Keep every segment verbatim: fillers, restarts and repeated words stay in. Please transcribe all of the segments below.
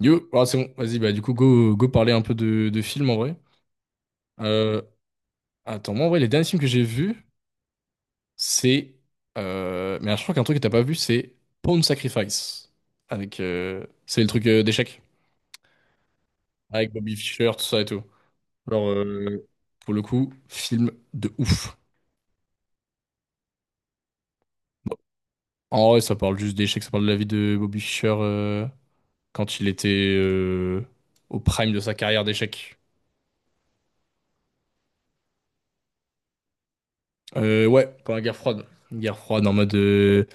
Yo, ah, c'est bon, vas-y, bah du coup, go, go parler un peu de, de films en vrai. Euh, Attends, moi en vrai, les derniers films que j'ai vus, c'est. Euh, mais je crois qu'un truc que t'as pas vu, c'est Pawn Sacrifice. Avec, euh, c'est le truc euh, d'échecs. Avec Bobby Fischer, tout ça et tout. Alors, euh, pour le coup, film de ouf. Bon, en vrai, ça parle juste d'échecs, ça parle de la vie de Bobby Fischer euh, quand il était euh, au prime de sa carrière d'échecs. Euh, ouais, pendant la guerre froide. Une guerre froide en mode. euh,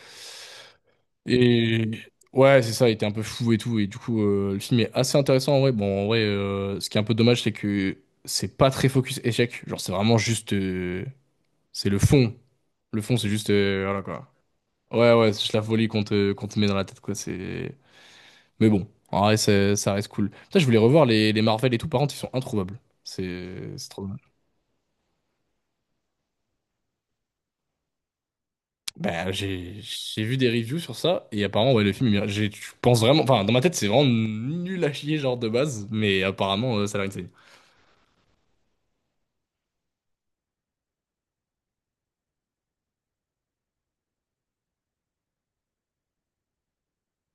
Et ouais, c'est ça, il était un peu fou et tout. Et du coup, euh, le film est assez intéressant en vrai. Bon, en vrai, euh, ce qui est un peu dommage, c'est que c'est pas très focus échec. Genre, c'est vraiment juste. euh, C'est le fond. Le fond, c'est juste. euh, Voilà quoi. Ouais, ouais, c'est juste la folie qu'on te, qu'on te met dans la tête quoi. C'est. Mais bon, en vrai, c'est- ça reste cool. Putain, je voulais revoir les, les Marvel et tout. Par contre, ils sont introuvables. C'est c'est trop. Bah, j'ai j'ai vu des reviews sur ça et apparemment ouais le film il mérite- j'ai- je pense vraiment enfin dans ma tête c'est vraiment nul à chier genre de base mais apparemment euh, ça a l'air insane.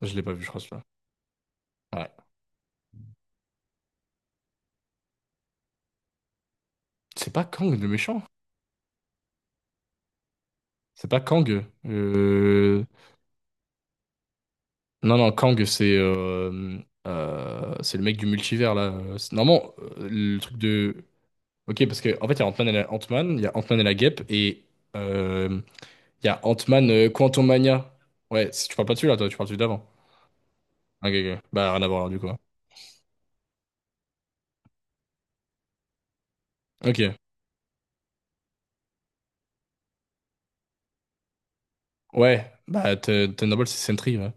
Je l'ai pas vu je crois celui-là. Ouais. C'est pas Kang le méchant. C'est pas Kang. Euh... Non non Kang c'est euh, euh, c'est le mec du multivers là. C'est- Normalement euh, le truc de OK parce que en fait il y a Ant-Man et la Ant-Man, il y a Ant-Man et la Guêpe et euh, il y a Ant-Man euh, Quantumania. Ouais, si tu parles pas de celui-là toi, tu parles de celui d'avant. OK, ok. Bah rien à voir alors, du coup, hein. Ok. Ouais. Bah, Te- Thunderbolt, c'est Sentry, ouais.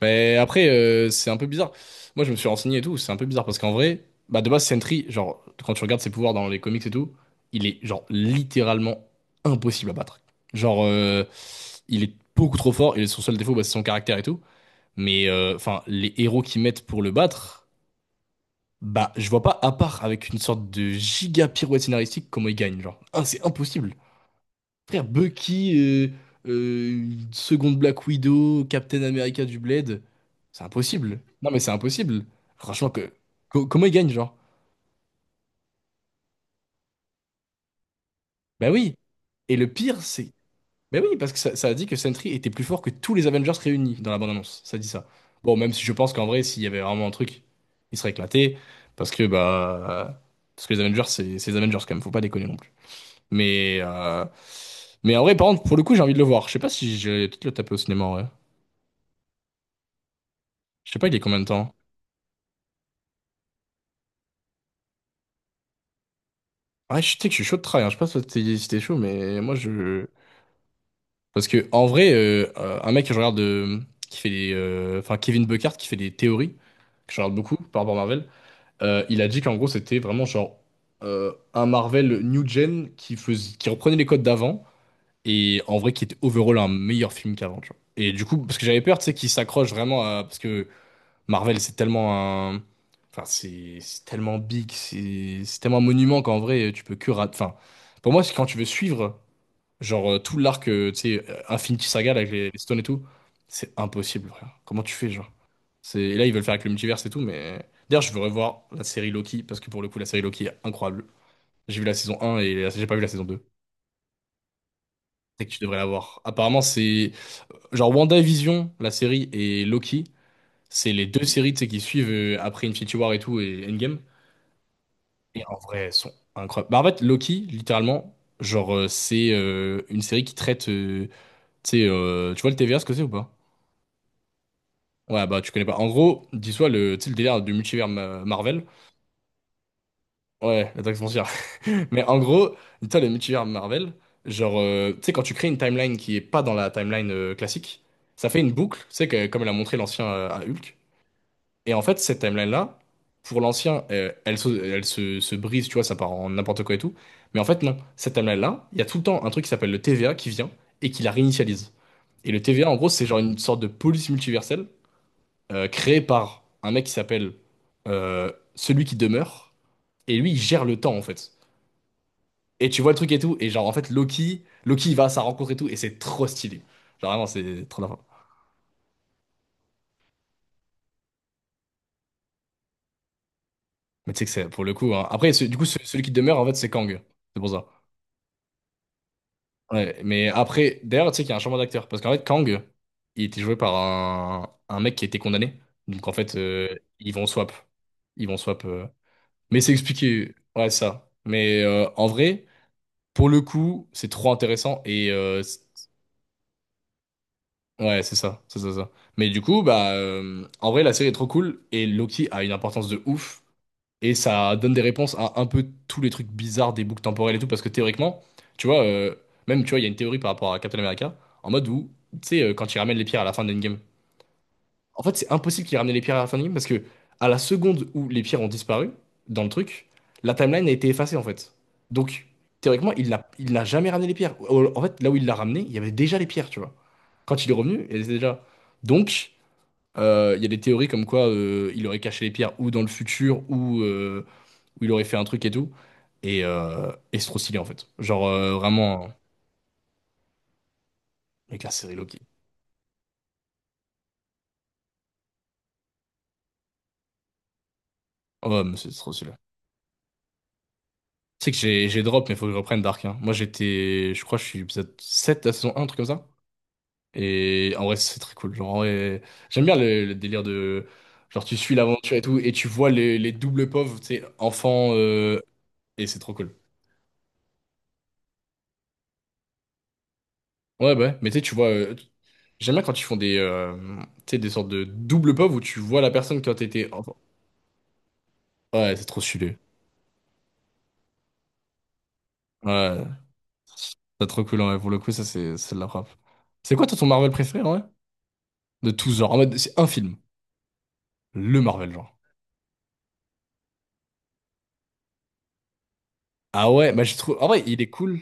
Mais après, euh, c'est un peu bizarre. Moi, je me suis renseigné et tout. C'est un peu bizarre parce qu'en vrai, bah, de base, Sentry, genre, quand tu regardes ses pouvoirs dans les comics et tout, il est, genre, littéralement impossible à battre. Genre, euh, il est beaucoup trop fort et son seul défaut, bah, c'est son caractère et tout. Mais, euh, enfin, les héros qu'ils mettent pour le battre, bah, je vois pas, à part avec une sorte de giga pirouette scénaristique, comment il gagne. Genre, ah, c'est impossible. Frère, Bucky, euh, euh, une seconde Black Widow, Captain America du Bled, c'est impossible. Non mais c'est impossible. Franchement, que, co- comment ils gagnent, genre? Bah oui. Et le pire, c'est... Bah oui, parce que ça, ça a dit que Sentry était plus fort que tous les Avengers réunis dans la bande-annonce. Ça dit ça. Bon, même si je pense qu'en vrai, s'il y avait vraiment un truc, il serait éclaté. Parce que, bah... Parce que les Avengers, c'est c'est les Avengers quand même, faut pas déconner non plus. Mais... euh, Mais en vrai, par contre, pour le coup, j'ai envie de le voir. Je sais pas si j'ai peut-être le taper au cinéma, en vrai. Je sais pas, il est combien de temps? Ouais, je sais que je suis chaud de try, hein. Je sais pas si t'es si t'es chaud, mais moi je. Parce que en vrai, euh, euh, un mec que je regarde euh, qui fait les. Euh, Enfin, Kevin Buckhart qui fait des théories, que je regarde beaucoup par rapport à Marvel, euh, il a dit qu'en gros c'était vraiment genre euh, un Marvel New Gen qui faisait... qui reprenait les codes d'avant et en vrai qui était overall un meilleur film qu'avant, tu vois. Et du coup, parce que j'avais peur, tu sais, qu'il s'accroche vraiment à. Parce que Marvel, c'est tellement un... Enfin, c'est c'est tellement big, c'est c'est tellement un monument qu'en vrai, tu peux que rater... Enfin, pour moi, c'est quand tu veux suivre, genre, euh, tout l'arc, euh, tu sais, euh, Infinity Saga là, avec les, les Stones et tout, c'est impossible, frère. Comment tu fais, genre? C'est... Et là, ils veulent faire avec le multiverse et tout, mais... D'ailleurs, je veux revoir la série Loki, parce que pour le coup, la série Loki est incroyable. J'ai vu la saison un et la- j'ai pas vu la saison deux. C'est que tu devrais la voir. Apparemment, c'est... Genre, WandaVision, la série, et Loki, c'est les deux séries, tu sais, qui suivent euh, après Infinity War et tout, et Endgame. Et en vrai, elles sont incroyables. Bah, en fait, Loki, littéralement, genre, euh, c'est euh, une série qui traite. euh, Tu sais, euh, tu vois le T V A, ce que c'est ou pas? Ouais, bah, tu connais pas. En gros, dis-toi le, tu sais, le délire du multivers Ma- Marvel. Ouais, la taxe foncière. Mais en gros, dis-toi le multivers Marvel, genre, euh, tu sais, quand tu crées une timeline qui est pas dans la timeline euh, classique, ça fait une boucle, tu sais, que- comme elle a montré l'ancien euh, à Hulk. Et en fait, cette timeline-là, pour l'ancien, euh, elle se, elle se, se brise, tu vois, ça part en n'importe quoi et tout. Mais en fait, non. Cette timeline-là, il y a tout le temps un truc qui s'appelle le T V A qui vient et qui la réinitialise. Et le T V A, en gros, c'est genre une sorte de police multiverselle euh, créée par un mec qui s'appelle euh, Celui qui demeure. Et lui, il gère le temps, en fait. Et tu vois le truc et tout. Et genre, en fait, Loki, Loki, il va à sa rencontre et tout. Et c'est trop stylé. Genre, vraiment, c'est trop d'avant. Mais tu sais que c'est pour le coup, hein. Après, ce- du coup, ce- celui qui demeure, en fait, c'est Kang. C'est pour ça. Ouais, mais après, d'ailleurs, tu sais qu'il y a un changement d'acteur. Parce qu'en fait, Kang, il était joué par un, un mec qui était condamné. Donc en fait, euh, ils vont swap. Ils vont swap. euh. Mais c'est expliqué. Ouais, ça. Mais euh, en vrai, pour le coup, c'est trop intéressant. Et euh, c'est- ouais, c'est ça. C'est ça, ça. Mais du coup, bah, euh, en vrai, la série est trop cool. Et Loki a une importance de ouf. Et ça donne des réponses à un peu tous les trucs bizarres des boucles temporelles et tout, parce que théoriquement, tu vois, euh, même, tu vois, il y a une théorie par rapport à Captain America, en mode où, tu sais, euh, quand il ramène les pierres à la fin de Endgame. En fait, c'est impossible qu'il ramène les pierres à la fin de Endgame, parce que à la seconde où les pierres ont disparu, dans le truc, la timeline a été effacée, en fait. Donc, théoriquement, il n'a il n'a jamais ramené les pierres. Au- En fait, là où il l'a ramené, il y avait déjà les pierres, tu vois. Quand il est revenu, elles étaient déjà. Donc, euh, il y a des théories comme quoi euh, il aurait caché les pierres ou dans le futur, ou... euh, où il aurait fait un truc et tout. Et, euh, et c'est trop stylé en fait. Genre euh, vraiment, euh, avec la série Loki. Oh, ouais, mais c'est trop stylé. Tu sais que j'ai j'ai drop, mais il faut que je reprenne Dark, hein. Moi j'étais, je crois que je suis épisode sept de la saison un, un truc comme ça. Et en vrai, c'est très cool. Genre, en vrai, j'aime bien le, le délire de. Genre, tu suis l'aventure et tout, et tu vois les, les doubles pauvres, tu sais, enfants, euh, et c'est trop cool. Ouais, bah ouais, mais tu sais, tu vois. euh, J'aime bien quand ils font des, euh, tu sais, des sortes de double pauvres où tu vois la personne quand t'étais enfant. Ouais, c'est trop stylé. Ouais, c'est trop cool, ouais. Pour le coup, ça, c'est c'est de la frappe. C'est quoi, toi, ton Marvel préféré, en vrai? De tous genres. En mode, c'est un film. Le Marvel, genre. Ah ouais, bah, je trouve. En vrai, il est cool.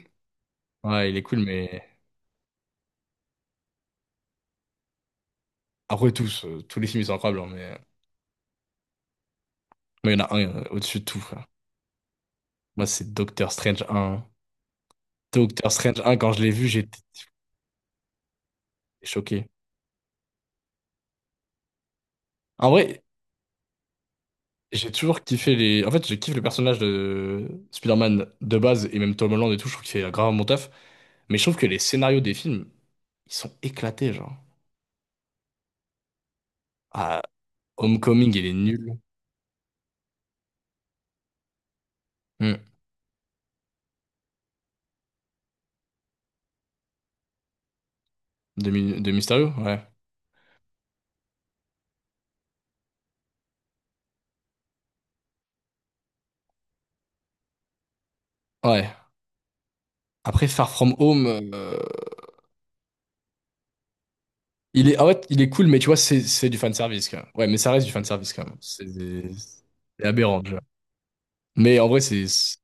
Ouais, il est cool, mais. Après, tous. Euh, tous les films, ils sont incroyables, hein, mais. Mais il y en a un euh, au-dessus de tout, frère. Moi, c'est Doctor Strange un. Doctor Strange un, quand je l'ai vu, j'étais choqué. En vrai, j'ai toujours kiffé les. En fait, je kiffe le personnage de Spider-Man de base, et même Tom Holland et tout. Je trouve qu'il fait grave mon taf. Mais je trouve que les scénarios des films, ils sont éclatés, genre. Ah, Homecoming, il est nul. Hmm. De, Mi- de Mysterio? Ouais. Ouais. Après, Far From Home, euh, il est, ah ouais, il est cool, mais tu vois, c'est c'est du fanservice, quand même. Ouais, mais ça reste du fanservice, quand même. C'est des- c'est aberrant, déjà. Mais en vrai, c'est, c'est-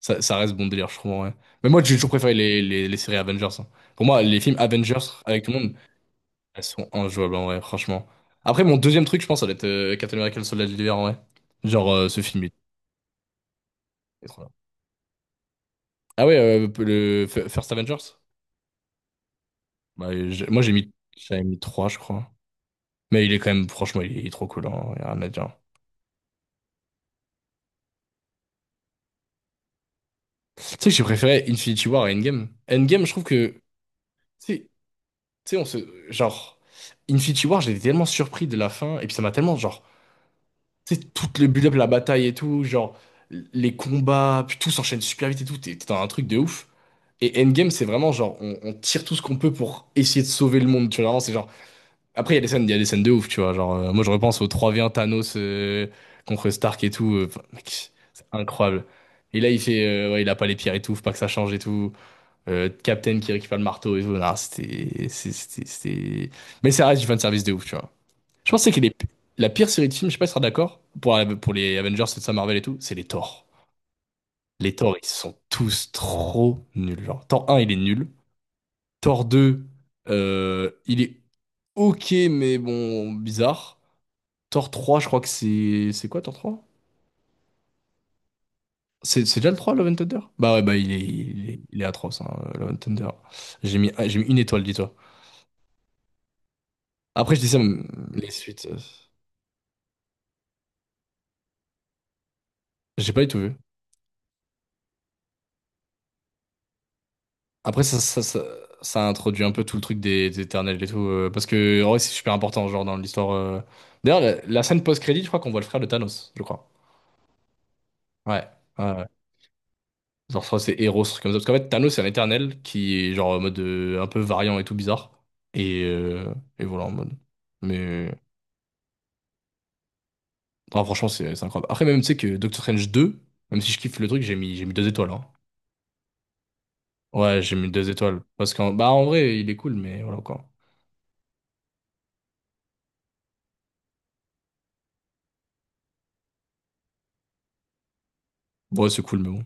ça, ça reste bon délire, je trouve, ouais. Mais moi, j'ai toujours préféré les, les, les séries Avengers, hein. Pour moi, les films Avengers, avec tout le monde, elles sont injouables, en vrai, franchement. Après, mon deuxième truc, je pense, ça va être euh, Captain America, le soldat de l'hiver, en vrai. Genre, euh, ce film, il est trop bien. Ah ouais, euh, le F- First Avengers? Ouais, j'ai- moi, j'ai mis, j'avais mis trois, je crois. Mais il est quand même, franchement, il est, il est trop cool, hein, y a rien à dire. Tu sais que j'ai préféré Infinity War à Endgame. Endgame, je trouve que, tu sais, tu sais, on se, genre, Infinity War, j'étais tellement surpris de la fin, et puis ça m'a tellement, genre, tu sais, tout le build-up, la bataille et tout, genre, les combats, puis tout s'enchaîne super vite et tout, t'es t'es dans un truc de ouf. Et Endgame, c'est vraiment, genre, on, on tire tout ce qu'on peut pour essayer de sauver le monde, tu vois, vraiment, c'est genre. Après, il y a des scènes, il y a des scènes de ouf, tu vois. Genre, euh, moi, je repense au trois contre un Thanos, euh, contre Stark et tout. euh, enfin, mec, c'est incroyable. Et là, il fait, euh, ouais, il a pas les pierres et tout, faut pas que ça change et tout. Euh, Captain qui récupère le marteau et tout. Non, c'était, c'est- c'était, c'était- Mais ça reste du fan service de ouf, tu vois. Je pense que c'est que les- la pire série de films, je sais pas si tu seras d'accord, pour, pour les Avengers, c'est ça, Marvel et tout, c'est les Thor. Les Thor, ils sont tous trop nuls. Genre, Thor un, il est nul. Thor deux, euh, il est ok, mais bon, bizarre. Thor trois, je crois que c'est. C'est quoi, Thor trois? C'est c'est déjà le trois, Love and Thunder? Bah ouais, bah il est, il est, il est atroce, hein, Love and Thunder. J'ai mis, j'ai mis une étoile, dis-toi. Après, je dis ça, mais les suites, euh, j'ai pas du tout vu. Après, ça, ça, ça, ça introduit un peu tout le truc des, des éternels et tout, euh, parce que en vrai, c'est super important, genre, dans l'histoire. euh. D'ailleurs, la, la scène post-crédit, je crois qu'on voit le frère de Thanos, je crois. Ouais, ouais, ouais. Genre, je crois que c'est Eros, truc comme ça. Parce qu'en fait, Thanos, c'est un éternel qui est, genre, en mode, euh, un peu variant et tout bizarre. Et, euh, et voilà, en mode. Mais. Ah, franchement, c'est c'est incroyable. Après, même, tu sais que Doctor Strange deux, même si je kiffe le truc, j'ai mis, j'ai mis deux étoiles, hein. Ouais, j'ai mis deux étoiles. Parce qu'en bah, en vrai, il est cool, mais voilà quoi. Bon, ouais, c'est cool, mais bon.